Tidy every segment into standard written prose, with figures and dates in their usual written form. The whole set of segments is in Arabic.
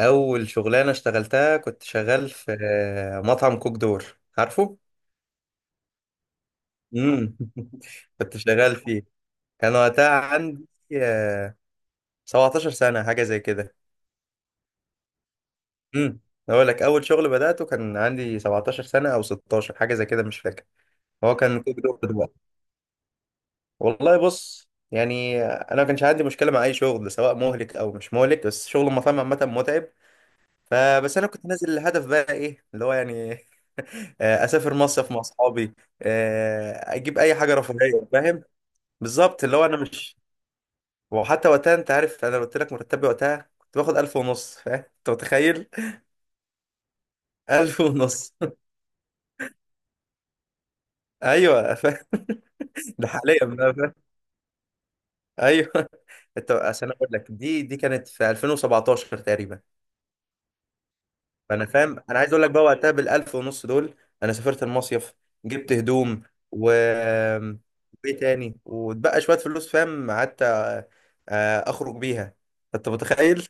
اول شغلانه اشتغلتها كنت شغال في مطعم كوك دور. عارفه؟ امم. كنت شغال فيه. كان وقتها عندي آه، 17 سنه، حاجه زي كده. امم اقول لك، اول شغل بداته كان عندي 17 سنه او 16، حاجه زي كده، مش فاكر. هو كان كوك دور دلوقتي. والله بص، يعني انا ما كانش عندي مشكله مع اي شغل، سواء مهلك او مش مهلك، بس شغل المطاعم عامه متعب. فبس انا كنت نازل، الهدف بقى ايه اللي هو يعني. اسافر مصيف مع اصحابي، اجيب اي حاجه رفاهيه، فاهم؟ بالظبط، اللي هو انا مش. وحتى وقتها، انت عارف انا قلت لك مرتبي وقتها كنت باخد 1000 ونص، فاهم؟ انت متخيل؟ 1000 ونص. ايوه فاهم. ده حاليا بقى، فاهم. ايوه. انت اصل انا اقول لك، دي كانت في 2017 تقريبا. فانا فاهم، انا عايز اقول لك بقى وقتها بالالف ونص دول، انا سافرت المصيف، جبت هدوم، و ايه تاني، واتبقى شويه فلوس، فاهم؟ قعدت اخرج بيها، انت متخيل؟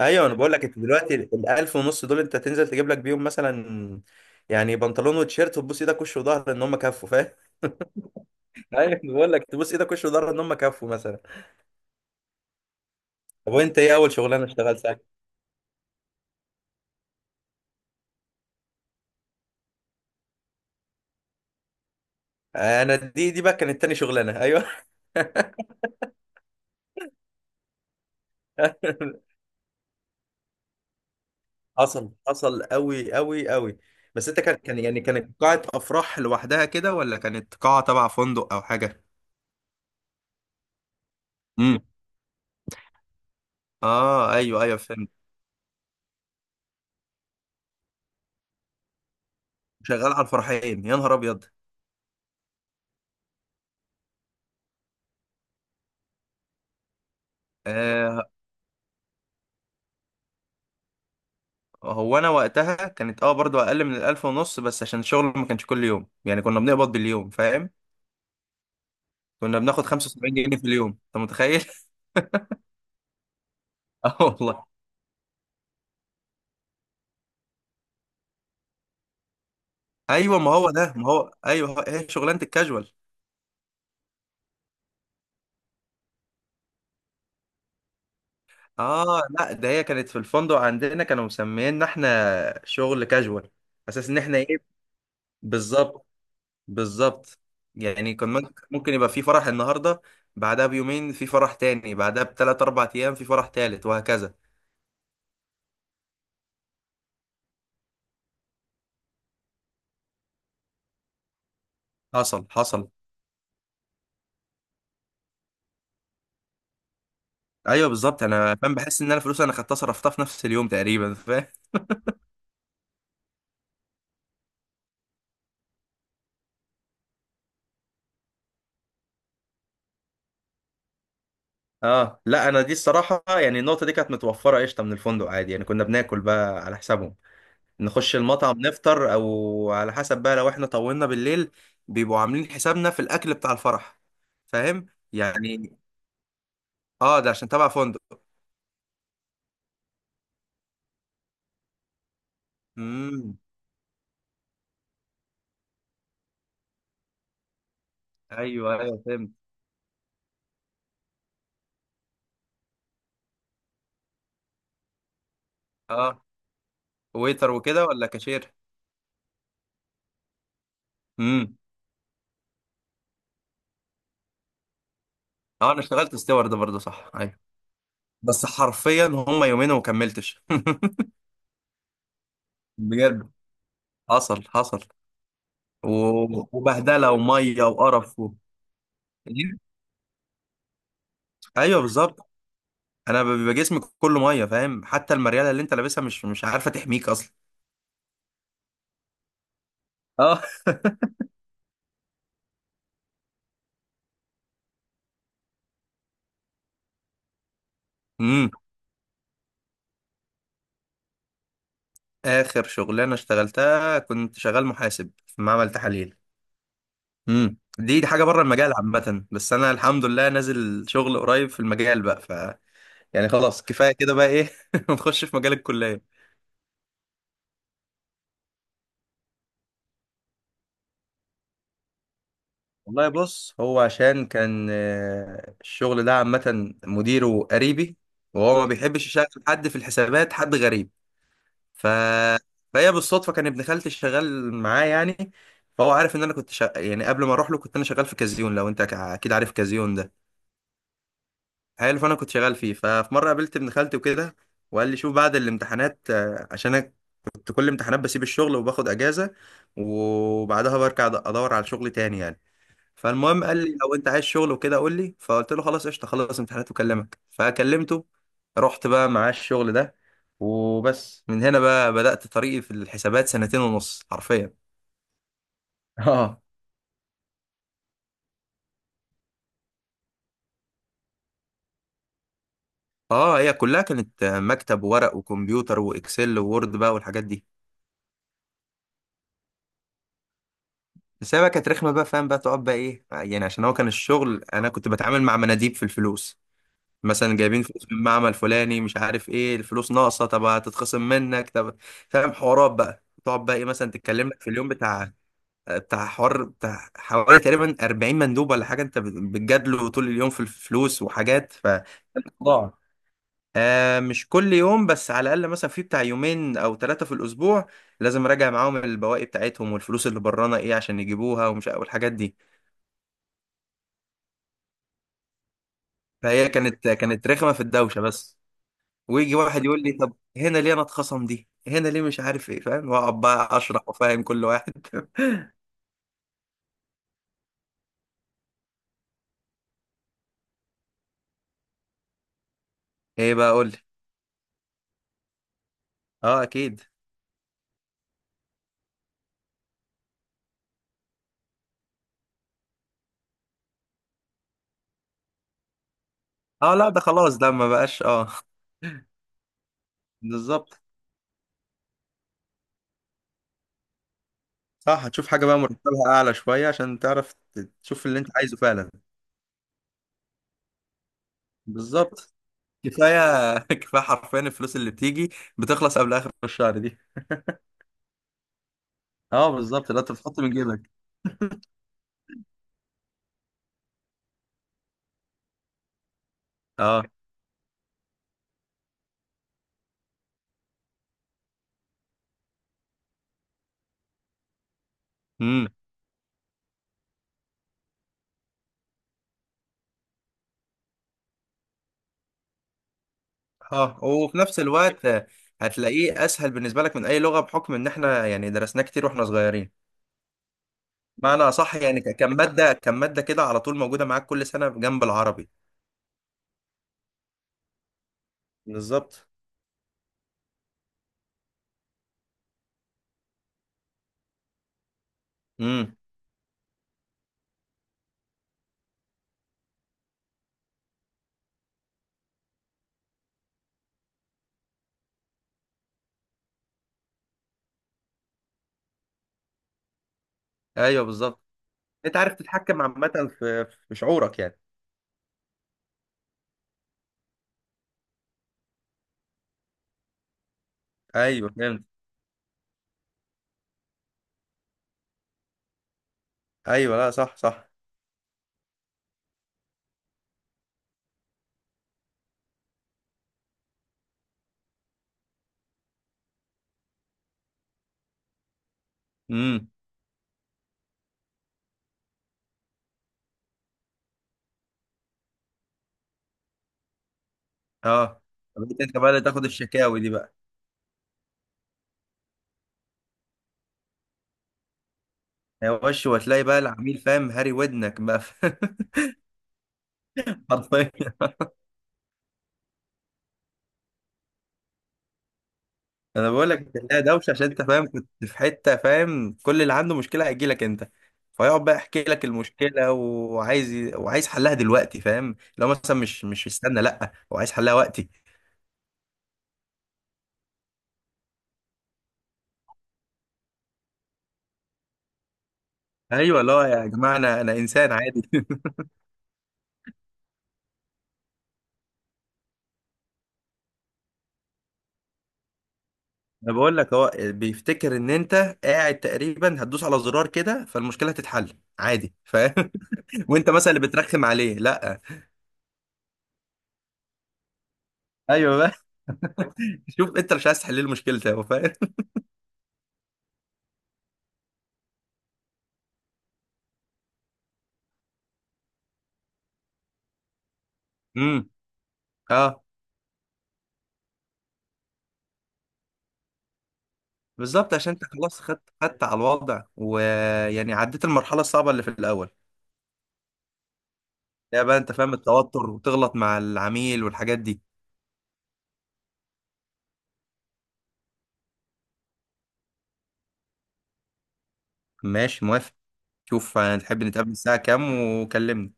ايوه، انا بقول لك، انت دلوقتي الالف ونص دول انت تنزل تجيب لك بيهم مثلا، يعني بنطلون وتيشيرت، وتبوس ايدك وش وظهر ان هم كفوا، فاهم؟ ايوه، بقول لك تبوس ايدك وش وظهر ان هم كفوا مثلا. طب وانت، ايه اول شغلانه اشتغلتها؟ انا دي بقى كانت تاني شغلانه، ايوه. حصل، حصل قوي قوي قوي. بس انت، كان يعني، كانت قاعة افراح لوحدها كده، ولا كانت قاعة تبع فندق او حاجة؟ امم. اه ايوه ايوه فهمت. شغال على الفرحين؟ يا نهار ابيض. آه هو انا وقتها كانت، اه، برضو اقل من الالف ونص، بس عشان الشغل ما كانش كل يوم، يعني كنا بنقبض باليوم، فاهم؟ كنا بناخد 75 جنيه في اليوم، انت متخيل؟ اه والله. ايوه، ما هو ايوه، هي شغلانة الكاجوال. اه لا، ده هي كانت في الفندق عندنا، كانوا مسمينا احنا شغل كاجوال. اساس ان احنا ايه؟ بالظبط، بالظبط. يعني كان ممكن يبقى في فرح النهارده، بعدها بيومين في فرح تاني، بعدها بثلاث اربع ايام في فرح تالت وهكذا. حصل حصل. ايوه بالظبط، انا فاهم، بحس ان انا فلوس انا خدتها صرفتها في نفس اليوم تقريبا، فاهم؟ اه لا، انا دي الصراحه، يعني النقطه دي كانت متوفره قشطه من الفندق، عادي، يعني كنا بناكل بقى على حسابهم، نخش المطعم نفطر، او على حسب بقى لو احنا طولنا بالليل، بيبقوا عاملين حسابنا في الاكل بتاع الفرح، فاهم؟ يعني اه، ده عشان تبع فندق. امم. ايوه ايوه فهمت. اه، ويتر وكده ولا كاشير؟ امم اه. انا اشتغلت ستيوارد برضه، صح، ايوه. بس حرفيا هم يومين وما كملتش. بجد، حصل حصل. وبهدله وميه وقرف إيه؟ ايوه بالظبط. انا بيبقى جسمي كله ميه، فاهم؟ حتى المرياله اللي انت لابسها، مش عارفه تحميك اصلا. اه. امم. اخر شغلانه اشتغلتها، كنت شغال محاسب في معمل تحاليل. امم، دي حاجه بره المجال عامه، بس انا الحمد لله نازل شغل قريب في المجال بقى، يعني خلاص كفايه كده بقى، ايه. نخش في مجال الكليه. والله بص، هو عشان كان الشغل ده عامه مديره قريبي، وهو ما بيحبش يشغل حد في الحسابات حد غريب، ف... فهي بالصدفه كان ابن خالتي شغال معاه يعني. فهو عارف ان انا كنت يعني قبل ما اروح له كنت انا شغال في كازيون، لو انت اكيد عارف كازيون ده. حلو. فانا كنت شغال فيه. ففي مره قابلت ابن خالتي وكده، وقال لي شوف بعد الامتحانات، عشان انا كنت كل امتحانات بسيب الشغل وباخد اجازه، وبعدها برجع ادور على شغل تاني يعني. فالمهم قال لي لو انت عايز شغل وكده قول لي، فقلت له خلاص قشطه، خلص امتحانات وكلمك. فكلمته، رحت بقى معاه الشغل ده، وبس من هنا بقى بدأت طريقي في الحسابات، سنتين ونص حرفيا. اه. اه، هي كلها كانت مكتب وورق وكمبيوتر واكسل ووورد بقى والحاجات دي. بس هي بقى كانت رخمه بقى، فاهم بقى تقعد بقى ايه، يعني عشان هو كان الشغل انا كنت بتعامل مع مناديب في الفلوس، مثلا جايبين فلوس من معمل فلاني مش عارف ايه، الفلوس ناقصه، طب هتتخصم منك، طب، فاهم؟ حوارات بقى تقعد بقى ايه، مثلا تتكلم لك في اليوم بتاع حوالي تقريبا 40 مندوب ولا حاجه، انت بتجادله طول اليوم في الفلوس وحاجات، ف ضاع. آه مش كل يوم، بس على الاقل مثلا في بتاع يومين او ثلاثه في الاسبوع لازم اراجع معاهم البواقي بتاعتهم والفلوس اللي برانا ايه عشان يجيبوها ومش، والحاجات دي. فهي كانت رخمه في الدوشه بس. ويجي واحد يقول لي، طب هنا ليه انا اتخصم دي، هنا ليه، مش عارف ايه، فاهم؟ واقعد بقى اشرح وافهم كل واحد. ايه بقى، قول لي. اه اكيد. اه لا، ده خلاص، ده ما بقاش، اه. بالظبط. صح، هتشوف حاجه بقى مرتبها اعلى شويه عشان تعرف تشوف اللي انت عايزه فعلا. بالظبط. كفايه. كفايه حرفيا، الفلوس اللي بتيجي بتخلص قبل اخر الشهر دي. اه بالظبط، لا انت بتحط من جيبك. اه. امم اه. وفي نفس الوقت هتلاقيه اسهل بالنسبه لك من اي لغه، بحكم ان احنا يعني درسناه كتير واحنا صغيرين. معنى صح، يعني كان مادة كده على طول موجودة معاك كل سنة جنب العربي. بالظبط. امم ايوه بالظبط. انت عارف تتحكم عامة في شعورك يعني. ايوه فهمت. ايوه لا، صح صح. امم اه. طب انت، أنت بقى اللي تاخد الشكاوي دي بقى؟ يا وش، وتلاقي بقى العميل، فاهم، هاري ودنك بقى. حرفيا. انا بقول لك، انت هتلاقيها دوشه عشان انت فاهم كنت في حته، فاهم، كل اللي عنده مشكله هيجي لك انت، فيقعد بقى يحكي لك المشكله، وعايز حلها دلوقتي، فاهم؟ لو مثلا مش استنى، لا، هو عايز حلها وقتي. ايوه لا يا جماعه، انا انسان عادي. انا بقول لك، هو بيفتكر ان انت قاعد تقريبا هتدوس على زرار كده، فالمشكله هتتحل عادي، فاهم؟ وانت مثلا اللي بترخم عليه، لا. ايوه بقى. شوف انت مش عايز تحل لي مشكلتي هو، فاهم؟ امم اه، بالظبط، عشان انت خلاص خدت على الوضع، ويعني عديت المرحله الصعبه اللي في الاول. لا بقى، انت فاهم التوتر وتغلط مع العميل والحاجات دي. ماشي موافق. شوف هنحب نتقابل الساعه كام؟ وكلمني.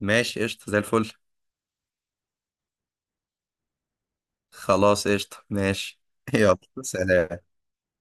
ماشي قشطه، زي الفل. خلاص قشطه، ماشي. يلا سلام.